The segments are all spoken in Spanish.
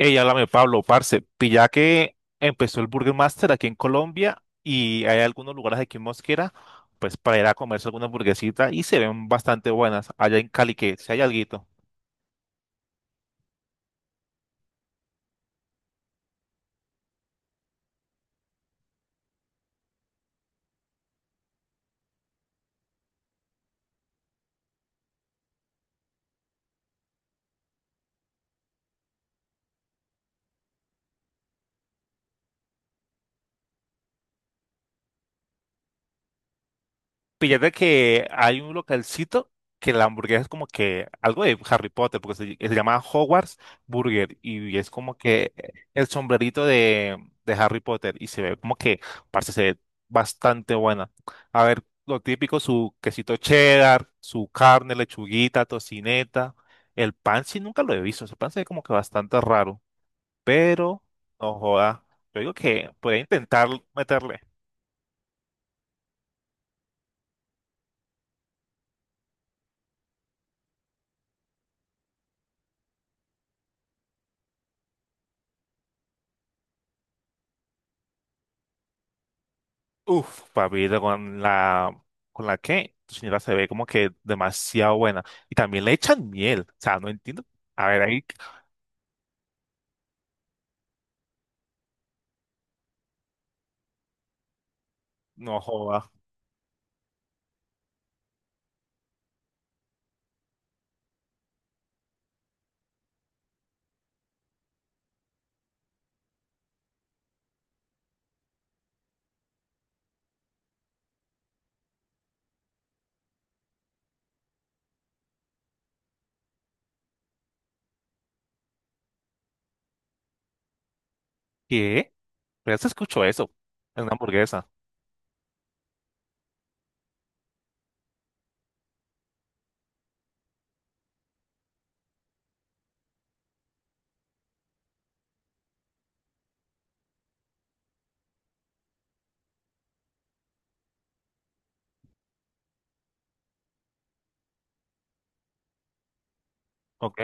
Ey, háblame, Pablo, parce, pilla que empezó el Burger Master aquí en Colombia y hay algunos lugares aquí en Mosquera, pues para ir a comerse alguna hamburguesita y se ven bastante buenas allá en Cali, que si hay alguito. Fíjate que hay un localcito que la hamburguesa es como que algo de Harry Potter, porque se llama Hogwarts Burger y es como que el sombrerito de Harry Potter y se ve como que, parece se ve bastante buena. A ver, lo típico, su quesito cheddar, su carne, lechuguita, tocineta, el pan sí nunca lo he visto, ese pan se ve como que bastante raro, pero no joda, yo digo que puede intentar meterle. Uf, papito, con la que tu señora se ve como que demasiado buena. Y también le echan miel. O sea, no entiendo. A ver, ahí no joda. ¿Qué? Pero se escuchó eso en una hamburguesa. ¿Ok?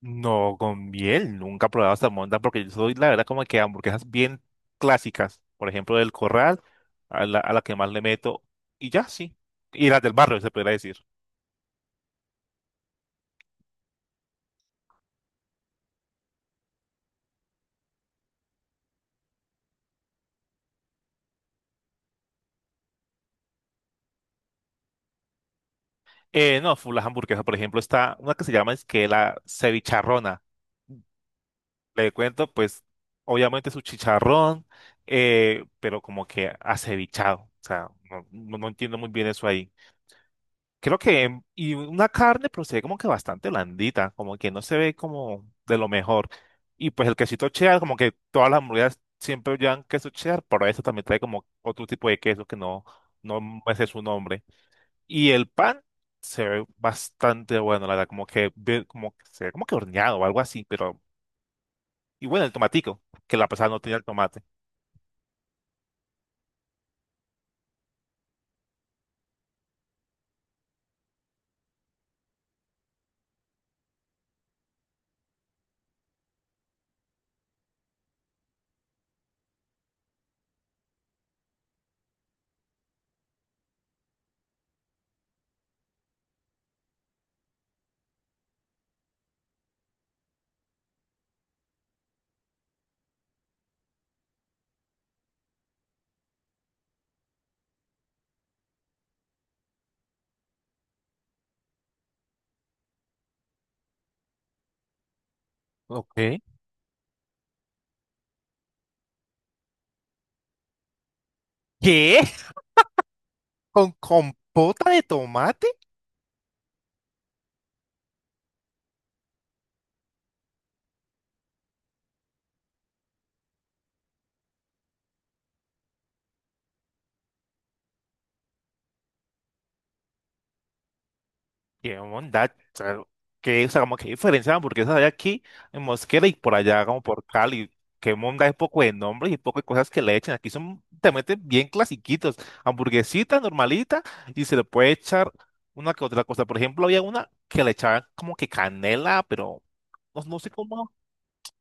No, con miel. Nunca he probado salmonda porque yo soy, la verdad, como que hamburguesas bien clásicas. Por ejemplo, del Corral, a la que más le meto. Y ya, sí. Y las del barrio, se podría decir. No, full las hamburguesas. Por ejemplo, está una que se llama es que la cevicharrona. Le cuento, pues, obviamente su chicharrón, pero como que acevichado. O sea, no entiendo muy bien eso ahí. Creo que, y una carne, pero se ve como que bastante blandita, como que no se ve como de lo mejor. Y pues el quesito cheddar, como que todas las hamburguesas siempre llevan queso cheddar, pero eso también trae como otro tipo de queso que no me sé su nombre. Y el pan se ve bastante bueno, la verdad, como que, ve- como, que se ve como que horneado o algo así, pero y bueno, el tomatico, que la pasada no tenía el tomate. Ok. ¿Qué? ¿Con compota de tomate? ¿Qué onda? Claro. ¿Qué, o sea, como que diferencia de hamburguesas hay aquí en Mosquera y por allá como por Cali? ¿Qué onda? Hay poco de nombres y poco de cosas que le echan. Aquí son, te meten bien clasiquitos. Hamburguesita normalita y se le puede echar una que otra cosa. Por ejemplo, había una que le echaban como que canela, pero no, no sé cómo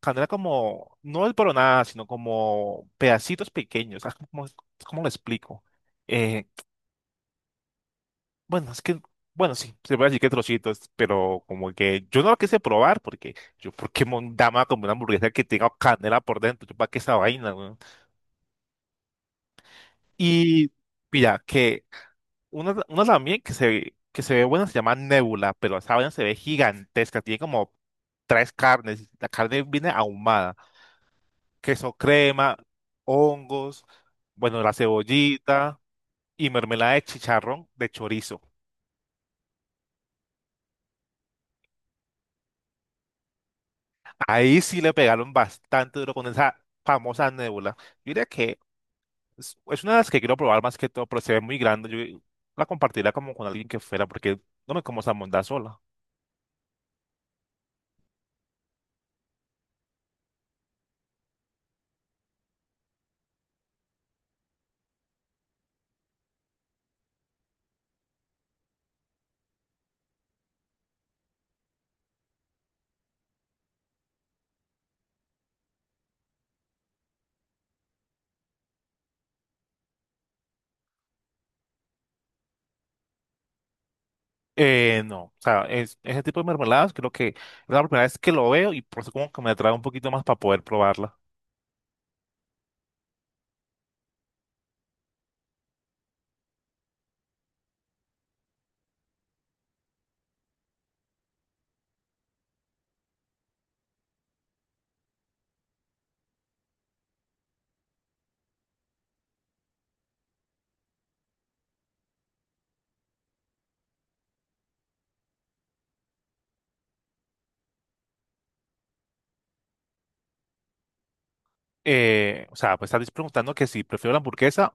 canela como, no es nada, sino como pedacitos pequeños. Ah, ¿cómo, cómo lo explico? Eh, bueno, es que, bueno, sí, se puede decir que trocitos, pero como que yo no lo quise probar porque yo, ¿por qué mondama como una hamburguesa que tenga canela por dentro? Yo, ¿para qué esa vaina, weón? Y mira, que una también que se ve buena se llama Nebula, pero esa vaina se ve gigantesca, tiene como tres carnes, la carne viene ahumada. Queso crema, hongos, bueno, la cebollita y mermelada de chicharrón de chorizo. Ahí sí le pegaron bastante duro con esa famosa nébula. Yo diría que es una de las que quiero probar más que todo, pero se ve muy grande. Yo la compartiría como con alguien que fuera, porque no me como esa mondá sola. No, o sea, es- ese tipo de mermeladas creo que es la primera vez que lo veo y por eso como que me atrae un poquito más para poder probarla. O sea, pues estás preguntando que si prefiero la hamburguesa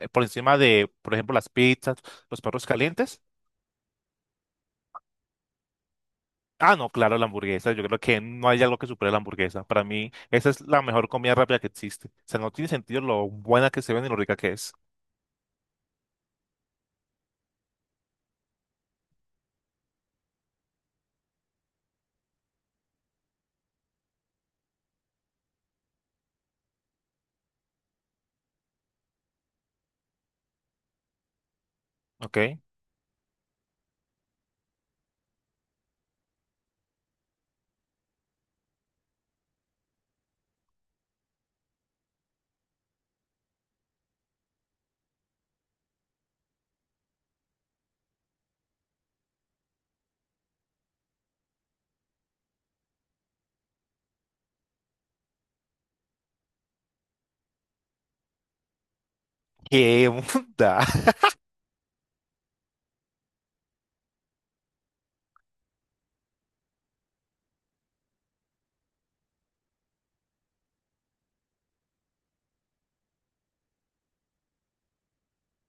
por encima de, por ejemplo, las pizzas, los perros calientes. Ah, no, claro, la hamburguesa. Yo creo que no hay algo que supere la hamburguesa. Para mí, esa es la mejor comida rápida que existe. O sea, no tiene sentido lo buena que se ve ni lo rica que es. ¿Ok? ¿Qué onda?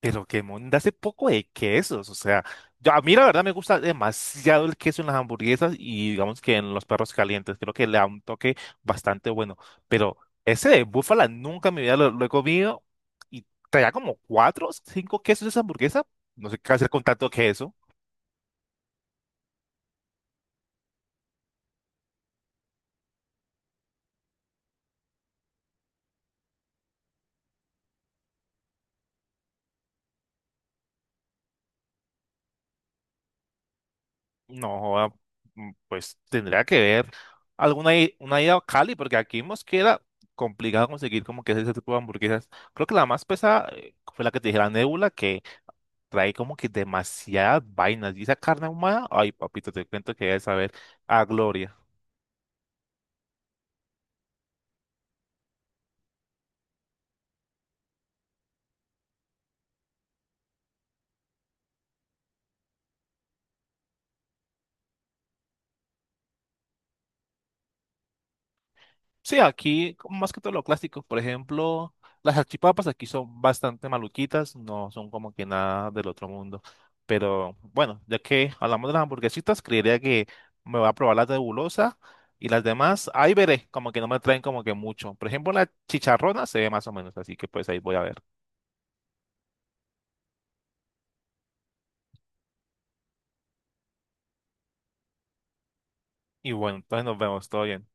Pero que monda hace poco de quesos, o sea, yo- a mí la verdad me gusta demasiado el queso en las hamburguesas y digamos que en los perros calientes, creo que le da un toque bastante bueno, pero ese de búfala nunca en mi vida lo he comido y traía como cuatro o cinco quesos esa hamburguesa, no sé qué hacer con tanto queso, no, joda, mm, pues tendría que ver alguna i- una ida a Cali, porque aquí en Mosquera complicado conseguir como que ese tipo de hamburguesas, creo que la más pesada fue la que te dije, la Nébula, que trae como que demasiadas vainas. Y esa carne ahumada, ay, papito, te cuento que debes saber a gloria. Sí, aquí como más que todo lo clásico, por ejemplo, las salchipapas aquí son bastante maluquitas, no son como que nada del otro mundo. Pero bueno, ya que hablamos de las hamburguesitas, creería que me va a probar las de Bulosa y las demás, ahí veré, como que no me traen como que mucho. Por ejemplo, la chicharrona se ve más o menos, así que pues ahí voy a ver. Y bueno, entonces nos vemos, todo bien.